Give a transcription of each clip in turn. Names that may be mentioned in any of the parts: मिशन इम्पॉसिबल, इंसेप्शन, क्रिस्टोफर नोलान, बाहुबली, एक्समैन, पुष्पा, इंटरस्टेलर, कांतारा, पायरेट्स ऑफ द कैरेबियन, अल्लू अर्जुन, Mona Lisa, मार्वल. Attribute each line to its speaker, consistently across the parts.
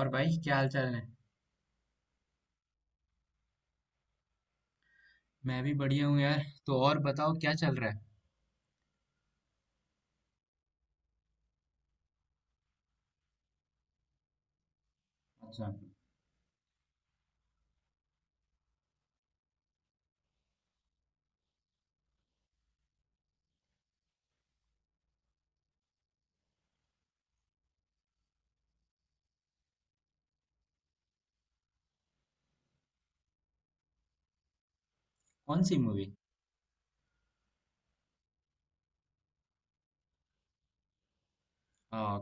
Speaker 1: और भाई क्या हाल चाल है। मैं भी बढ़िया हूँ यार। तो और बताओ क्या चल रहा है। अच्छा। कौन सी मूवी?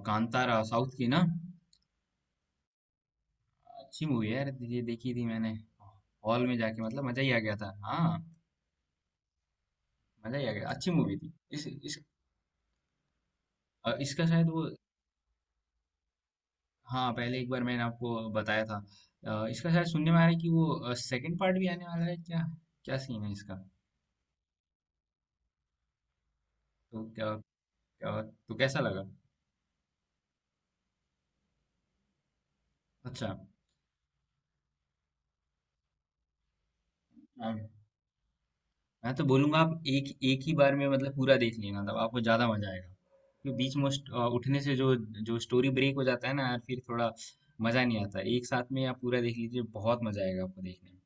Speaker 1: कांतारा साउथ की ना? अच्छी मूवी है यार, ये देखी थी मैंने हॉल में जाके, मतलब मजा ही आ गया था। हाँ, मजा ही आ गया, अच्छी मूवी थी। इस इस इसका शायद वो। हाँ, पहले एक बार मैंने आपको बताया था। इसका शायद सुनने में आ रहा है कि वो सेकंड पार्ट भी आने वाला है क्या? क्या सीन है इसका? तो क्या, क्या तो कैसा लगा? अच्छा। हाँ। मैं तो बोलूंगा आप एक एक ही बार में मतलब पूरा देख लेना, तब आपको ज्यादा मजा आएगा। क्योंकि बीच में उठने से जो जो स्टोरी ब्रेक हो जाता है ना यार, फिर थोड़ा मजा नहीं आता। एक साथ में आप पूरा देख लीजिए, बहुत मजा आएगा आपको देखने में।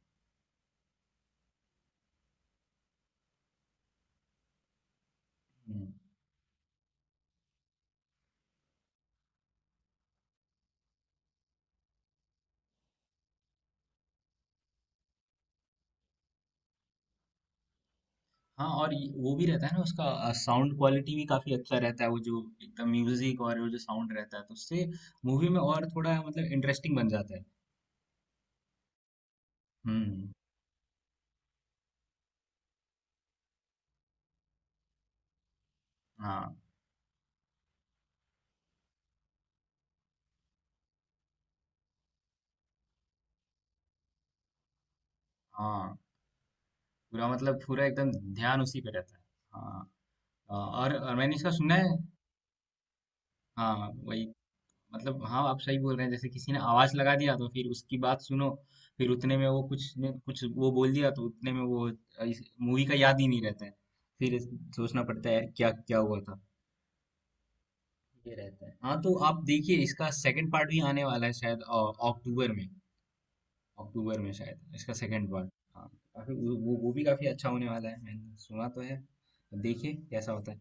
Speaker 1: हम्म। हाँ, और वो भी रहता है ना उसका, साउंड क्वालिटी भी काफी अच्छा रहता है, वो जो एकदम म्यूजिक और वो जो साउंड रहता है, तो उससे मूवी में और थोड़ा मतलब इंटरेस्टिंग बन जाता है। हम्म। हाँ हाँ, पूरा मतलब पूरा एकदम ध्यान उसी पे रहता है। हाँ। और मैंने इसका सुना है। हाँ वही, मतलब हाँ आप सही बोल रहे हैं, जैसे किसी ने आवाज लगा दिया तो फिर उसकी बात सुनो, फिर उतने में वो कुछ ने कुछ वो बोल दिया, तो उतने में वो इस मूवी का याद ही नहीं रहता है। फिर इस- सोचना पड़ता है यार क्या क्या हुआ था। ये रहता है। हाँ तो आप देखिए, इसका सेकंड पार्ट भी आने वाला है शायद, अक्टूबर में। अक्टूबर में शायद इसका सेकंड पार्ट। हाँ। काफी वो भी काफी अच्छा होने वाला है, मैंने सुना तो है। देखिए कैसा होता है।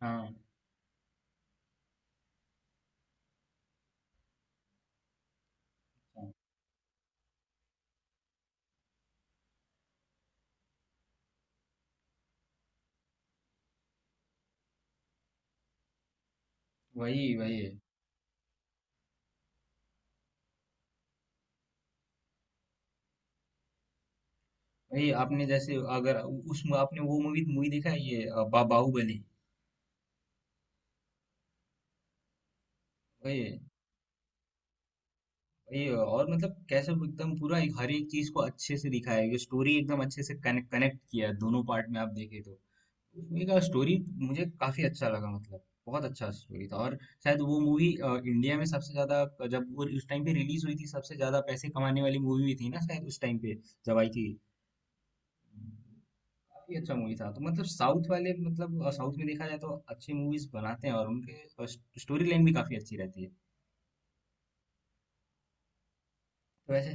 Speaker 1: हाँ। हाँ, वही वही वही आपने, जैसे अगर उस आपने वो मूवी मूवी देखा है ये बाहुबली। वही। और मतलब कैसे एकदम पूरा एक हर एक चीज को अच्छे से दिखाया है, स्टोरी एकदम अच्छे से कनेक्ट कनेक्ट किया है दोनों पार्ट में आप देखे तो। उस मूवी का स्टोरी मुझे काफी अच्छा लगा, मतलब बहुत अच्छा स्टोरी था। और शायद वो मूवी इंडिया में सबसे ज्यादा, जब वो उस टाइम पे रिलीज हुई थी, सबसे ज्यादा पैसे कमाने वाली मूवी भी थी ना शायद उस टाइम पे जब आई थी। काफ़ी अच्छा मूवी था। तो मतलब साउथ वाले मतलब, साउथ में देखा जाए तो अच्छी मूवीज़ बनाते हैं और उनके अ, स्टोरी लाइन भी काफ़ी अच्छी रहती है। तो वैसे।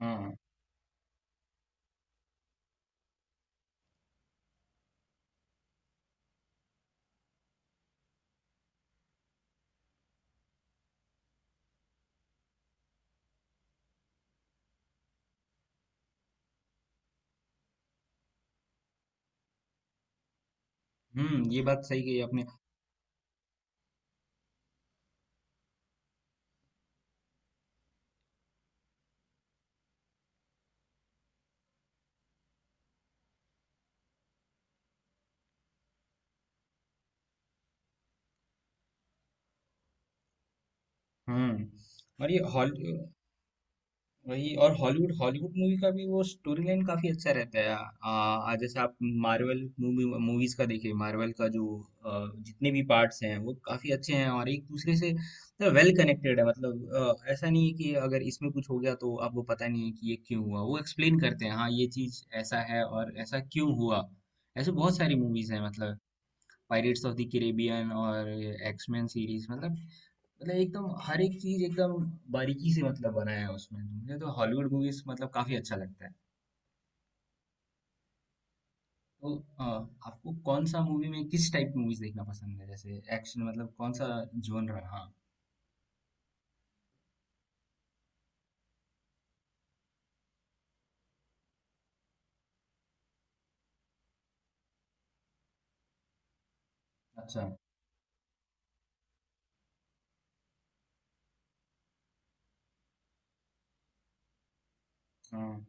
Speaker 1: हाँ। ये बात सही कही आपने। हुँ। और ये हॉल वही, और हॉलीवुड, हॉलीवुड मूवी का भी वो स्टोरी लाइन काफी अच्छा रहता है। जैसे आप मार्वल मूवीज का देखिए, मार्वल का जो जितने भी पार्ट्स हैं वो काफी अच्छे हैं और एक दूसरे से वेल कनेक्टेड है, मतलब ऐसा नहीं है कि अगर इसमें कुछ हो गया तो आपको पता नहीं है कि ये क्यों हुआ। वो एक्सप्लेन करते हैं, हाँ ये चीज ऐसा है और ऐसा क्यों हुआ। ऐसे बहुत सारी मूवीज हैं, मतलब पायरेट्स ऑफ द कैरेबियन और एक्समैन सीरीज, मतलब मतलब एकदम हर एक चीज एकदम बारीकी से मतलब बनाया है उसमें, मुझे तो हॉलीवुड मूवीज मतलब काफी अच्छा लगता है। तो आपको कौन सा मूवी में किस टाइप की मूवीज देखना पसंद है, जैसे एक्शन मतलब कौन सा जोन रहा। हाँ। अच्छा। हाँ।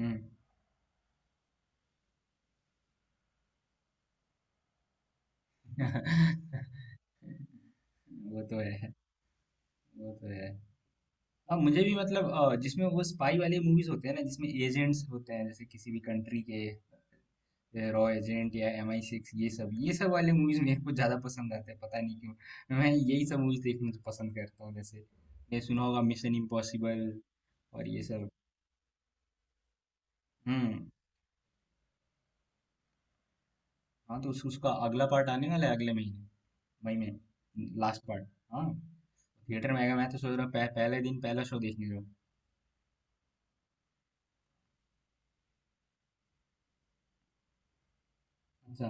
Speaker 1: हम्म। वो तो है। वो तो है। हाँ मुझे भी मतलब, जिसमें वो स्पाई वाले मूवीज होते हैं ना, जिसमें एजेंट्स होते हैं जैसे किसी भी कंट्री के, रॉ एजेंट या एम आई सिक्स, ये सब वाले मूवीज मेरे को ज्यादा पसंद आते हैं, पता नहीं क्यों। मैं यही सब मूवीज देखना तो पसंद करता हूँ, जैसे ये सुना होगा मिशन इम्पॉसिबल और ये सब। हम्म। हाँ तो उसका अगला पार्ट आने वाला है अगले महीने, मई में। Last part. हाँ। थिएटर में आएगा, मैं तो सोच रहा हूँ पहले दिन पहला शो देखने जाऊँ। अच्छा।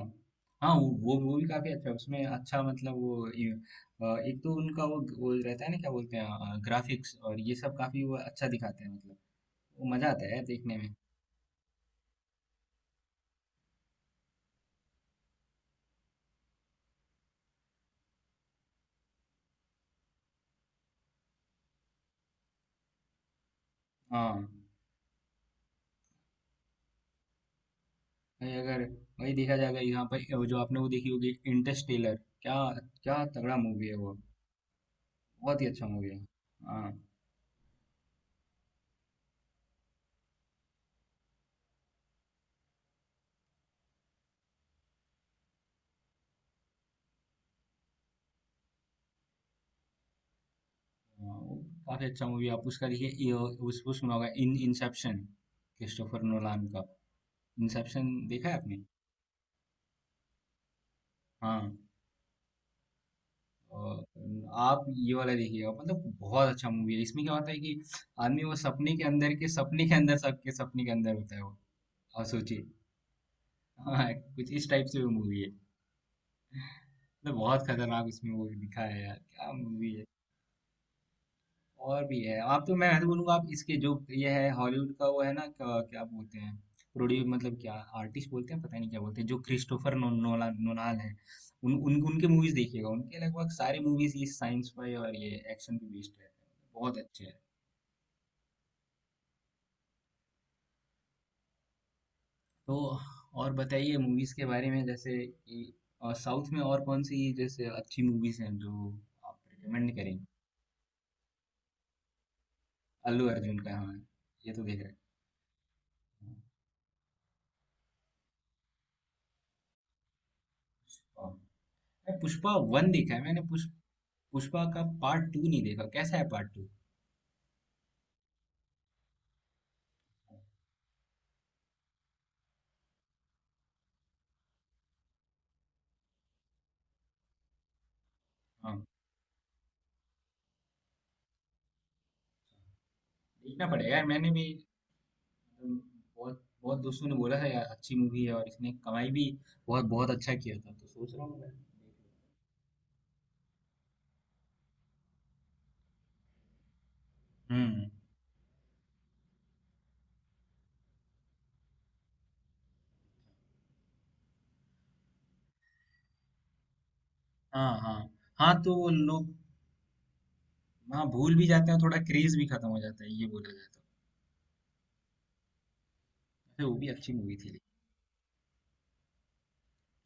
Speaker 1: हाँ, वो भी काफी अच्छा है उसमें। अच्छा मतलब वो एक तो उनका वो रहता है ना, क्या बोलते हैं, ग्राफिक्स और ये सब काफी वो अच्छा दिखाते हैं, मतलब वो मजा आता है यार देखने में। हाँ। भाई अगर, वही देखा जाए, अगर यहाँ पर वो जो आपने वो देखी होगी, इंटरस्टेलर। क्या। क्या तगड़ा मूवी है वो, बहुत ही अच्छा मूवी है। हाँ हाँ, वो काफी अच्छा मूवी है, आप उसका देखिए। ये- उस वो सुना होगा इन इंसेप्शन, क्रिस्टोफर नोलान का। इंसेप्शन देखा है आपने? हाँ। और आप ये वाला देखिएगा, मतलब बहुत अच्छा मूवी है। इसमें क्या होता है कि आदमी वो सपने के अंदर के सपने के अंदर सबके सपने के अंदर होता है वो, आप सोचिए। हाँ, कुछ इस टाइप से वो मूवी है। मतलब बहुत खतरनाक उसमें वो दिखा है यार, क्या मूवी है। और भी है, आप तो, मैं तो बोलूंगा आप इसके जो, ये है हॉलीवुड का वो है ना क्या बोलते हैं, प्रोड्यूस मतलब क्या आर्टिस्ट बोलते हैं, पता नहीं क्या बोलते हैं, जो क्रिस्टोफर नो, नोला नोलान है, उन, उन उनके मूवीज देखिएगा। उनके लगभग सारे मूवीज ये साइंस पे और ये एक्शन पे बेस्ड रहते हैं, बहुत अच्छे हैं। तो और बताइए मूवीज के बारे में, जैसे ये, और साउथ में और कौन सी जैसे अच्छी मूवीज हैं जो आप रिकमेंड करेंगे। अल्लू अर्जुन का, हाँ। ये तो देख रहे हैं। मैं पुष्पा वन देखा है मैंने पुष्पा का पार्ट टू नहीं देखा, कैसा है पार्ट टू? हाँ, देखना पड़ेगा यार, मैंने भी अम, बहुत बहुत दोस्तों ने बोला था यार अच्छी मूवी है, और इसने कमाई भी बहुत बहुत अच्छा किया था, तो सोच रहा हूँ मैं। हम्म। हाँ हाँ हाँ, तो वो लोग। हाँ, भूल भी जाते हैं थोड़ा, क्रेज भी खत्म हो जाता है, ये बोला जाता है। वैसे वो भी अच्छी मूवी थी।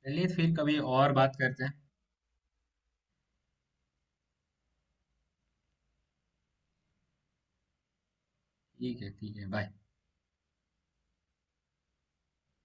Speaker 1: चलिए फिर कभी और बात करते हैं। ठीक है, ठीक है, बाय।